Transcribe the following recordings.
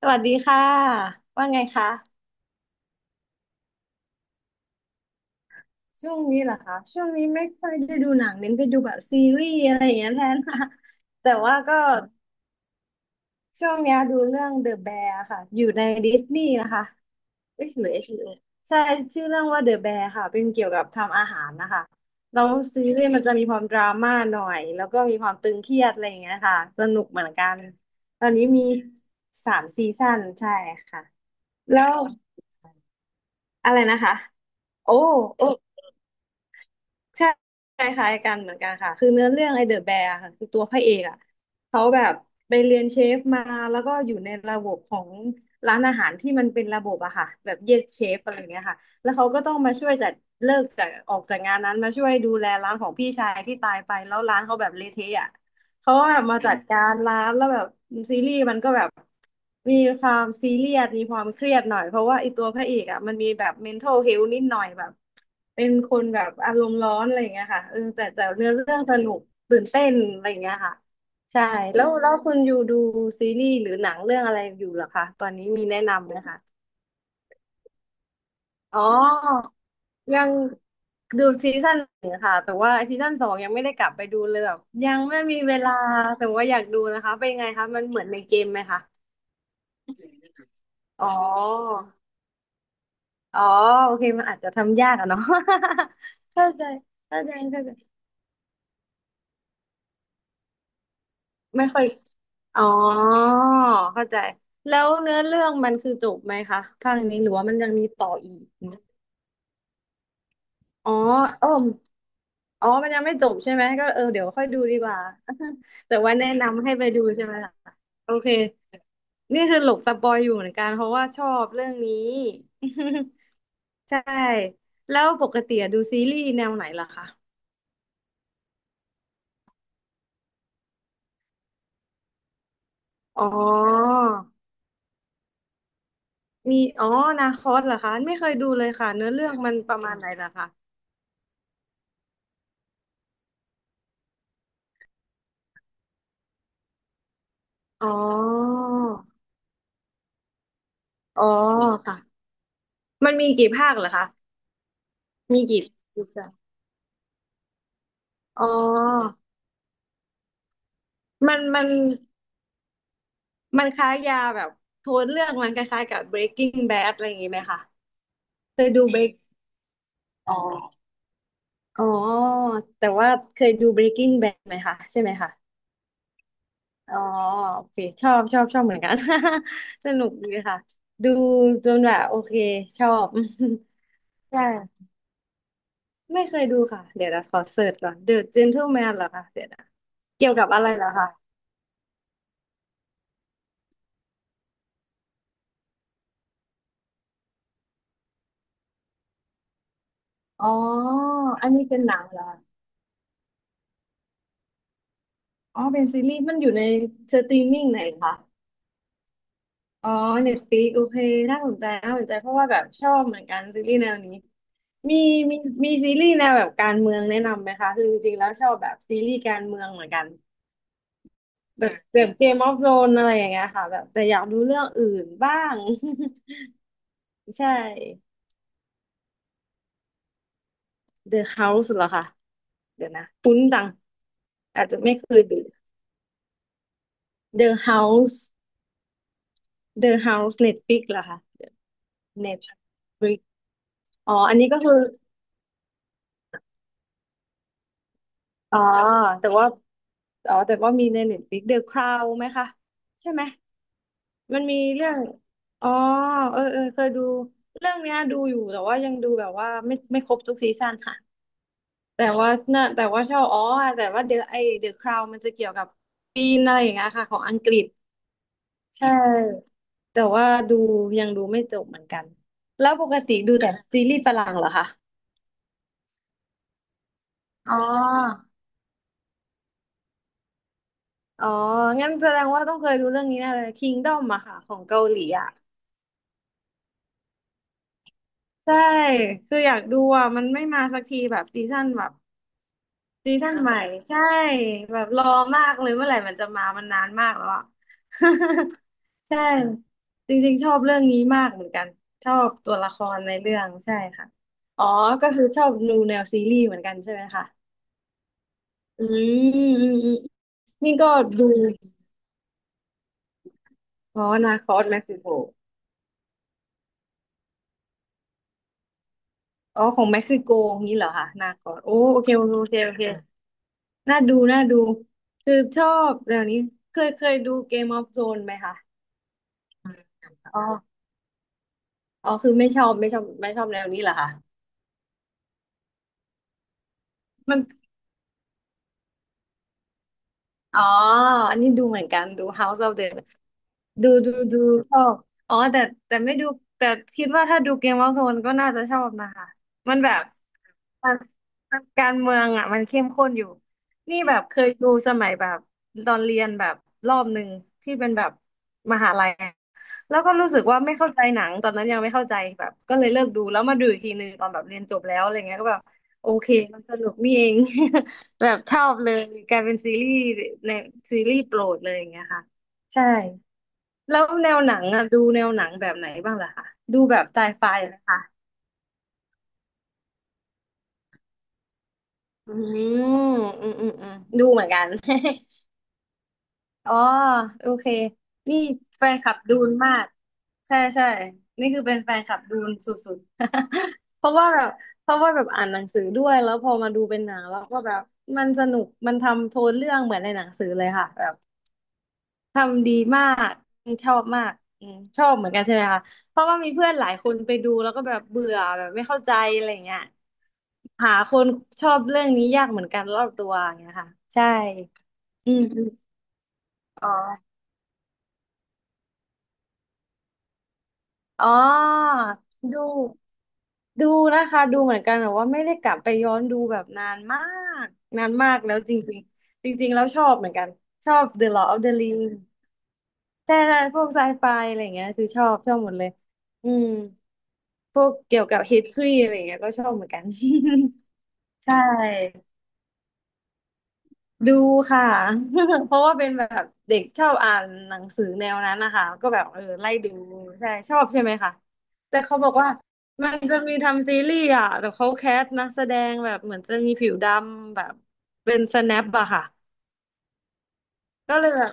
สวัสดีค่ะว่าไงคะช่วงนี้เหรอคะช่วงนี้ไม่ค่อยได้ดูหนังเน้นไปดูแบบซีรีส์อะไรอย่างเงี้ยแทนค่ะ แต่ว่าก็ช่วงเนี้ยดูเรื่อง The Bear ค่ะอยู่ในดิสนีย์นะคะเอ๊ะหรือHBO ใช่ชื่อเรื่องว่า The Bear ค่ะเป็นเกี่ยวกับทำอาหารนะคะแล้วซีรีส์มันจะมีความดราม่าหน่อยแล้วก็มีความตึงเครียดอะไรอย่างเงี้ยค่ะสนุกเหมือนกันตอนนี้มีสามซีซั่นใช่ค่ะแล้วอะไรนะคะโอ้โอ้ ใช่คล้ายๆกันเหมือนกันค่ะคือเนื้อเรื่องไอเดอะแบร์ค่ะคือตัวพระเอกอ่ะเขาแบบไปเรียนเชฟมาแล้วก็อยู่ในระบบของร้านอาหารที่มันเป็นระบบอะค่ะแบบเยสเชฟอะไรเงี้ยค่ะแล้วเขาก็ต้องมาช่วยจัดเลิกจากออกจากงานนั้นมาช่วยดูแลร้านของพี่ชายที่ตายไปแล้วร้านเขาแบบเละเทะอะ เขาก็แบบมาจัดการร้านแล้วแบบซีรีส์มันก็แบบมีความซีเรียสมีความเครียดหน่อยเพราะว่าไอตัวพระเอกอ่ะมันมีแบบ mental health นิดหน่อยแบบเป็นคนแบบอารมณ์ร้อนอะไรอย่างเงี้ยค่ะเออแต่เนื้อเรื่องสนุกตื่นเต้นอะไรอย่างเงี้ยค่ะใช่แล้วคุณอยู่ดูซีรีส์หรือหนังเรื่องอะไรอยู่เหรอคะตอนนี้มีแนะนำไหมคะอ๋อ ยังดูซีซั่นหนึ่งค่ะแต่ว่าซีซั่นสองยังไม่ได้กลับไปดูเลยแบบยังไม่มีเวลาแต่ว่าอยากดูนะคะเป็นไงคะมันเหมือนในเกมไหมคะอ๋ออ๋อโอเคมันอาจจะทำยากอะเนาะ เข้าใจเข้าใจเข้าใจไม่ค่อยอ๋อเข้าใจแล้วเนื้อเรื่องมันคือจบไหมคะภาคนี้หรือว่ามันยังมีต่ออีกอ๋อเออ อ๋อมันยังไม่จบใช่ไหมก็เออเดี๋ยวค่อยดูดีกว่า แต่ว่าแนะนำให้ไปดูใช่ไหมล่ะโอเค นี่คือหลบสปอยอยู่เหมือนกันเพราะว่าชอบเรื่องนี้ ใช่ แล้วปกติอะดูซีรีส์แนวไหนล่ะคะอ๋อมีอ๋อนาคอสเหรอคะไม่เคยดูเลยค่ะเนื้อเรื่องมันประมาณไหนล่ะคะอ๋ออ๋อค่ะมันมีกี่ภาคเหรอคะมีกี่ภาคอ๋อมันมัน มันคล้ายยาแบบโทนเรื่องมันคล้ายๆกับ Breaking Bad อะไรอย่างงี้ไหมคะเคยดู Break อ๋ออ๋อแต่ว่าเคยดู Breaking Bad ไหมคะใช่ไหมคะอ๋อโอเคชอบชอบชอบเหมือนกัน สนุกดีค่ะดูจนแบบโอเคชอบ ใช่ไม่เคยดูค่ะเดี๋ยวนะขอเสิร์ชก่อน The Gentleman เหรอคะเดี๋ยวนะเกี่ยวกับอะไรเหรอคะอ๋ออันนี้เป็นหนังเหรอคะอ๋อเป็นซีรีส์มันอยู่ในสตรีมมิ่งไหนคะ อ๋อเน t ตฟ i ิกโอเคน่าสนใจน่าสนใจเพราะว่าแบบชอบเหมือนกันซีรีส์แนวนี้ มีมีมีซีรีส์แนวแบบการเมืองแนะนำไหมคะ คือจริงๆแล้วชอบแบบซีรีส์การเมืองเหมือนกันแบบแบบเกมออฟโรนอะไรอย่างเงี้ยค่ะแบบแต่อยากดูเรื่องอื่นบ้าง ใช่ The House เหรอคะเดี๋ยวนะคุ้นจังอาจจะไม่เคยดู The House The House Netflix เหรอคะ Netflix อ๋ออันนี้ก็คือ อ๋อแต่ว่าอ๋อแต่ว่ามีในเน็ตฟลิกเดอะคราวไหมคะใช่ไหมมันมีเรื่องอ๋อเออเออเคยดู เรื่องเนี้ยดูอยู่ แต่ว่ายังดูแบบว่าไม่ครบทุกซีซั่นค่ะแต่ว่าน่ะแต่ว่าชอบอ๋อแต่ว่าเดอะไอเดอะคราวมันจะเกี่ยวกับปีนอะไรอย่างเงี้ยค่ะของอังกฤษใช่ แต่ว่าดูยังดูไม่จบเหมือนกันแล้วปกติดูแต่ซีรีส์ฝรั่งเหรอคะอ๋ออ๋องั้นแสดงว่าต้องเคยดูเรื่องนี้แน่เลย Kingdom อะค่ะของเกาหลีอะ ใช่คืออยากดูอ่ะมันไม่มาสักทีแบบซีซั่นแบบซีซั่นใหม่ใช่แบบรอมากเลยเมื่อไหร่มันจะมามันนานมากแล้วอ่ะ ใช่จริงๆชอบเรื่องนี้มากเหมือนกันชอบตัวละครในเรื่องใช่ค่ะอ๋อก็คือชอบดูแนวซีรีส์เหมือนกันใช่ไหมคะอืมอืมอืมนี่ก็ดูอ๋อนาคอสเม็กซิโกอ๋อของเม็กซิโกงี้เหรอคะนาคอสโอ้โอเคโอเคโอเค น่าดูน่าดูคือชอบแนวนี้เคยเคยดู Game of Thrones ไหมคะอ๋ออ๋อคือไม่ชอบไม่ชอบไม่ชอบแนวนี้เหรอคะมันอ๋ออันนี้ดูเหมือนกันดู House of the ดูชอบอ๋อแต่แต่ไม่ดูแต่คิดว่าถ้าดู Game of Thrones ก็น่าจะชอบนะคะมันแบบ มันมันการเมืองอ่ะมันเข้มข้นอยู่นี่แบบเคยดูสมัยแบบตอนเรียนแบบรอบหนึ่งที่เป็นแบบมหาลัยอะแล้วก็รู้สึกว่าไม่เข้าใจหนังตอนนั้นยังไม่เข้าใจแบบก็เลยเลิกดูแล้วมาดูอีกทีหนึ่งตอนแบบเรียนจบแล้วอะไรเงี้ยก็แบบโอเคมันสนุกนี่เอง แบบชอบเลยกลายเป็นซีรีส์ในซีรีส์โปรดเลยอย่างเงี้ยค่ะใช่แล้วแนวหนังอ่ะดูแนวหนังแบบไหนบ้างล่ะคะดูแบบไซไฟเหรอคะ อืมอืมอืมอืมดูเหมือนกัน อ๋อโอเคนี่แฟนคลับดูนมากใช่ใช่นี่คือเป็นแฟนคลับดูนสุดๆ เพราะว่าแบบเพราะว่าแบบอ่านหนังสือด้วยแล้วพอมาดูเป็นหนังแล้วก็แบบมันสนุกมันทำโทนเรื่องเหมือนในหนังสือเลยค่ะแบบทำดีมากชอบมากอืมชอบเหมือนกันใช่ไหมคะ เพราะว่ามีเพื่อนหลายคนไปดูแล้วก็แบบเบื่อแบบไม่เข้าใจอะไรอย่างเงี้ยหาคนชอบเรื่องนี้ยากเหมือนกันรอบตัวอย่างเงี้ยค่ะใช่ อืมอมอ๋ออ๋อดูดูนะคะ ดูเหมือนกันแต่ว่าไม่ได้กลับไปย้อนดูแบบนานมาก นานมากแล้วจริงๆจริงๆแล้วชอบเหมือนกัน ชอบ The Lord of the Ring ใช่ใช่พวกไซไฟอะไรอย่างเงี้ยคือชอบชอบหมดเลย อืม พวกเกี่ยวกับ history อะไรอย่างเงี้ยก็ชอบเหมือนกัน ใช่ ดูค่ะ เพราะว่าเป็นแบบเด็กชอบอ่านหนังสือแนวนั้นนะคะก็แบบเออไล่ดูใช่ชอบใช่ไหมคะแต่เขาบอกว่ามันจะมีทำซีรีส์อ่ะแต่เขาแคสต์นักแสดงแบบเหมือนจะมีผิวดำแบบเป็นสแนปอะค่ะก็เลยแบบ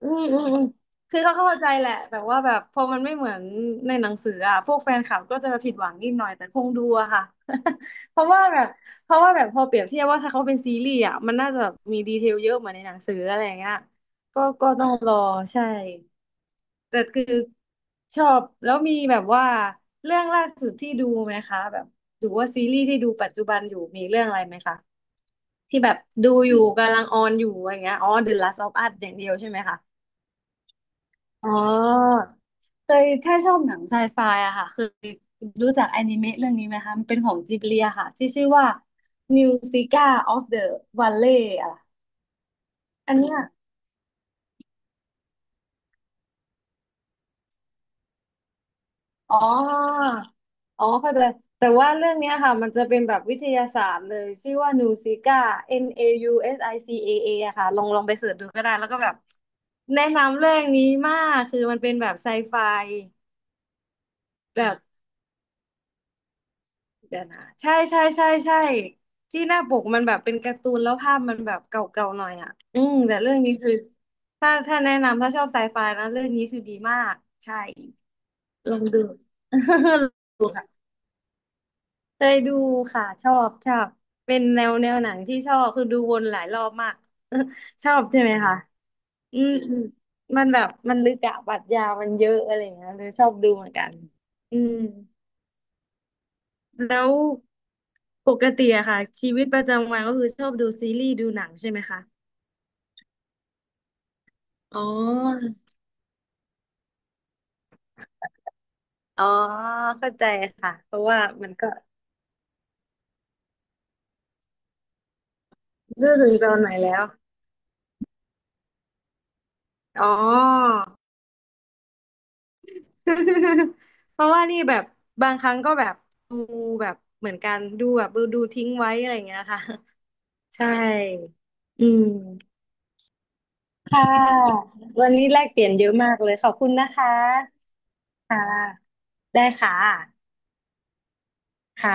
อืมอืมอืมคือเขาเข้าใจแหละแต่ว่าแบบพอมันไม่เหมือนในหนังสืออ่ะพวกแฟนคลับก็จะผิดหวังนิดหน่อยแต่คงดูอะค่ะ เพราะว่าแบบเพราะว่าแบบพอเปรียบเทียบว่าถ้าเขาเป็นซีรีส์อ่ะมันน่าจะแบบมีดีเทลเยอะเหมือนในหนังสืออะไรอย่างเงี้ยก็ต้องรอใช่แต่คือชอบแล้วมีแบบว่าเรื่องล่าสุดที่ดูไหมคะแบบหรือว่าซีรีส์ที่ดูปัจจุบันอยู่มีเรื่องอะไรไหมคะที่แบบดูอยู่กำลังออนอยู่อย่างเงี้ยอ๋อ The Last of Us อย่างเดียวใช่ไหมคะ อ๋อเคยถ้าชอบหนังไซไฟอะค่ะเคยรู้จักอนิเมะเรื่องนี้ไหมคะมันเป็นของจิบลิอะค่ะที่ชื่อว่า New Zika of the Valley อะอันเนี้ยอ๋ออ๋อเข้าใจแต่ว่าเรื่องเนี้ยค่ะมันจะเป็นแบบวิทยาศาสตร์เลยชื่อว่า Nusika NAUSICAA อยูเอสไอซีเอเออะค่ะลองลองไปเสิร์ชดูก็ได้แล้วก็แบบแนะนำเรื่องนี้มากคือมันเป็นแบบไซไฟแบบ เดี๋ยวนะใช่ใช่ใช่ใช่ที่หน้าปกมันแบบเป็นการ์ตูนแล้วภาพมันแบบเก่าๆหน่อยอ่ะอืมแต่เรื่องนี้คือถ้าถ้าแนะนำถ้าชอบไซไฟนะเรื่องนี้คือดีมากใช่ลองดู ดูค่ะเคยดูค่ะชอบชอบเป็นแนวแนวหนังที่ชอบคือดูวนหลายรอบมากชอบใช่ไหมคะอืมอืมมันแบบมันลึกอะปรัชญามันเยอะอะไรอย่างเงี้ยเลยชอบดูเหมือนกันอืมแล้ว ปกติอะค่ะชีวิตประจำวันก็คือชอบดูซีรีส์ดูหนังใช่ไหมคะอ๋ออ๋อเข้าใจค่ะเพราะว่ามันก็ดูถึงตอนไหนแล้วอ๋อ เพราะว่านี่แบบบางครั้งก็แบบดูแบบเหมือนกันดูแบบดูดูทิ้งไว้อะไรอย่างเงี้ยค่ะ ใช่อืมค่ะวันนี้แลกเปลี่ยนเยอะมากเลยขอบคุณนะคะค่ะได้ค่ะค่ะ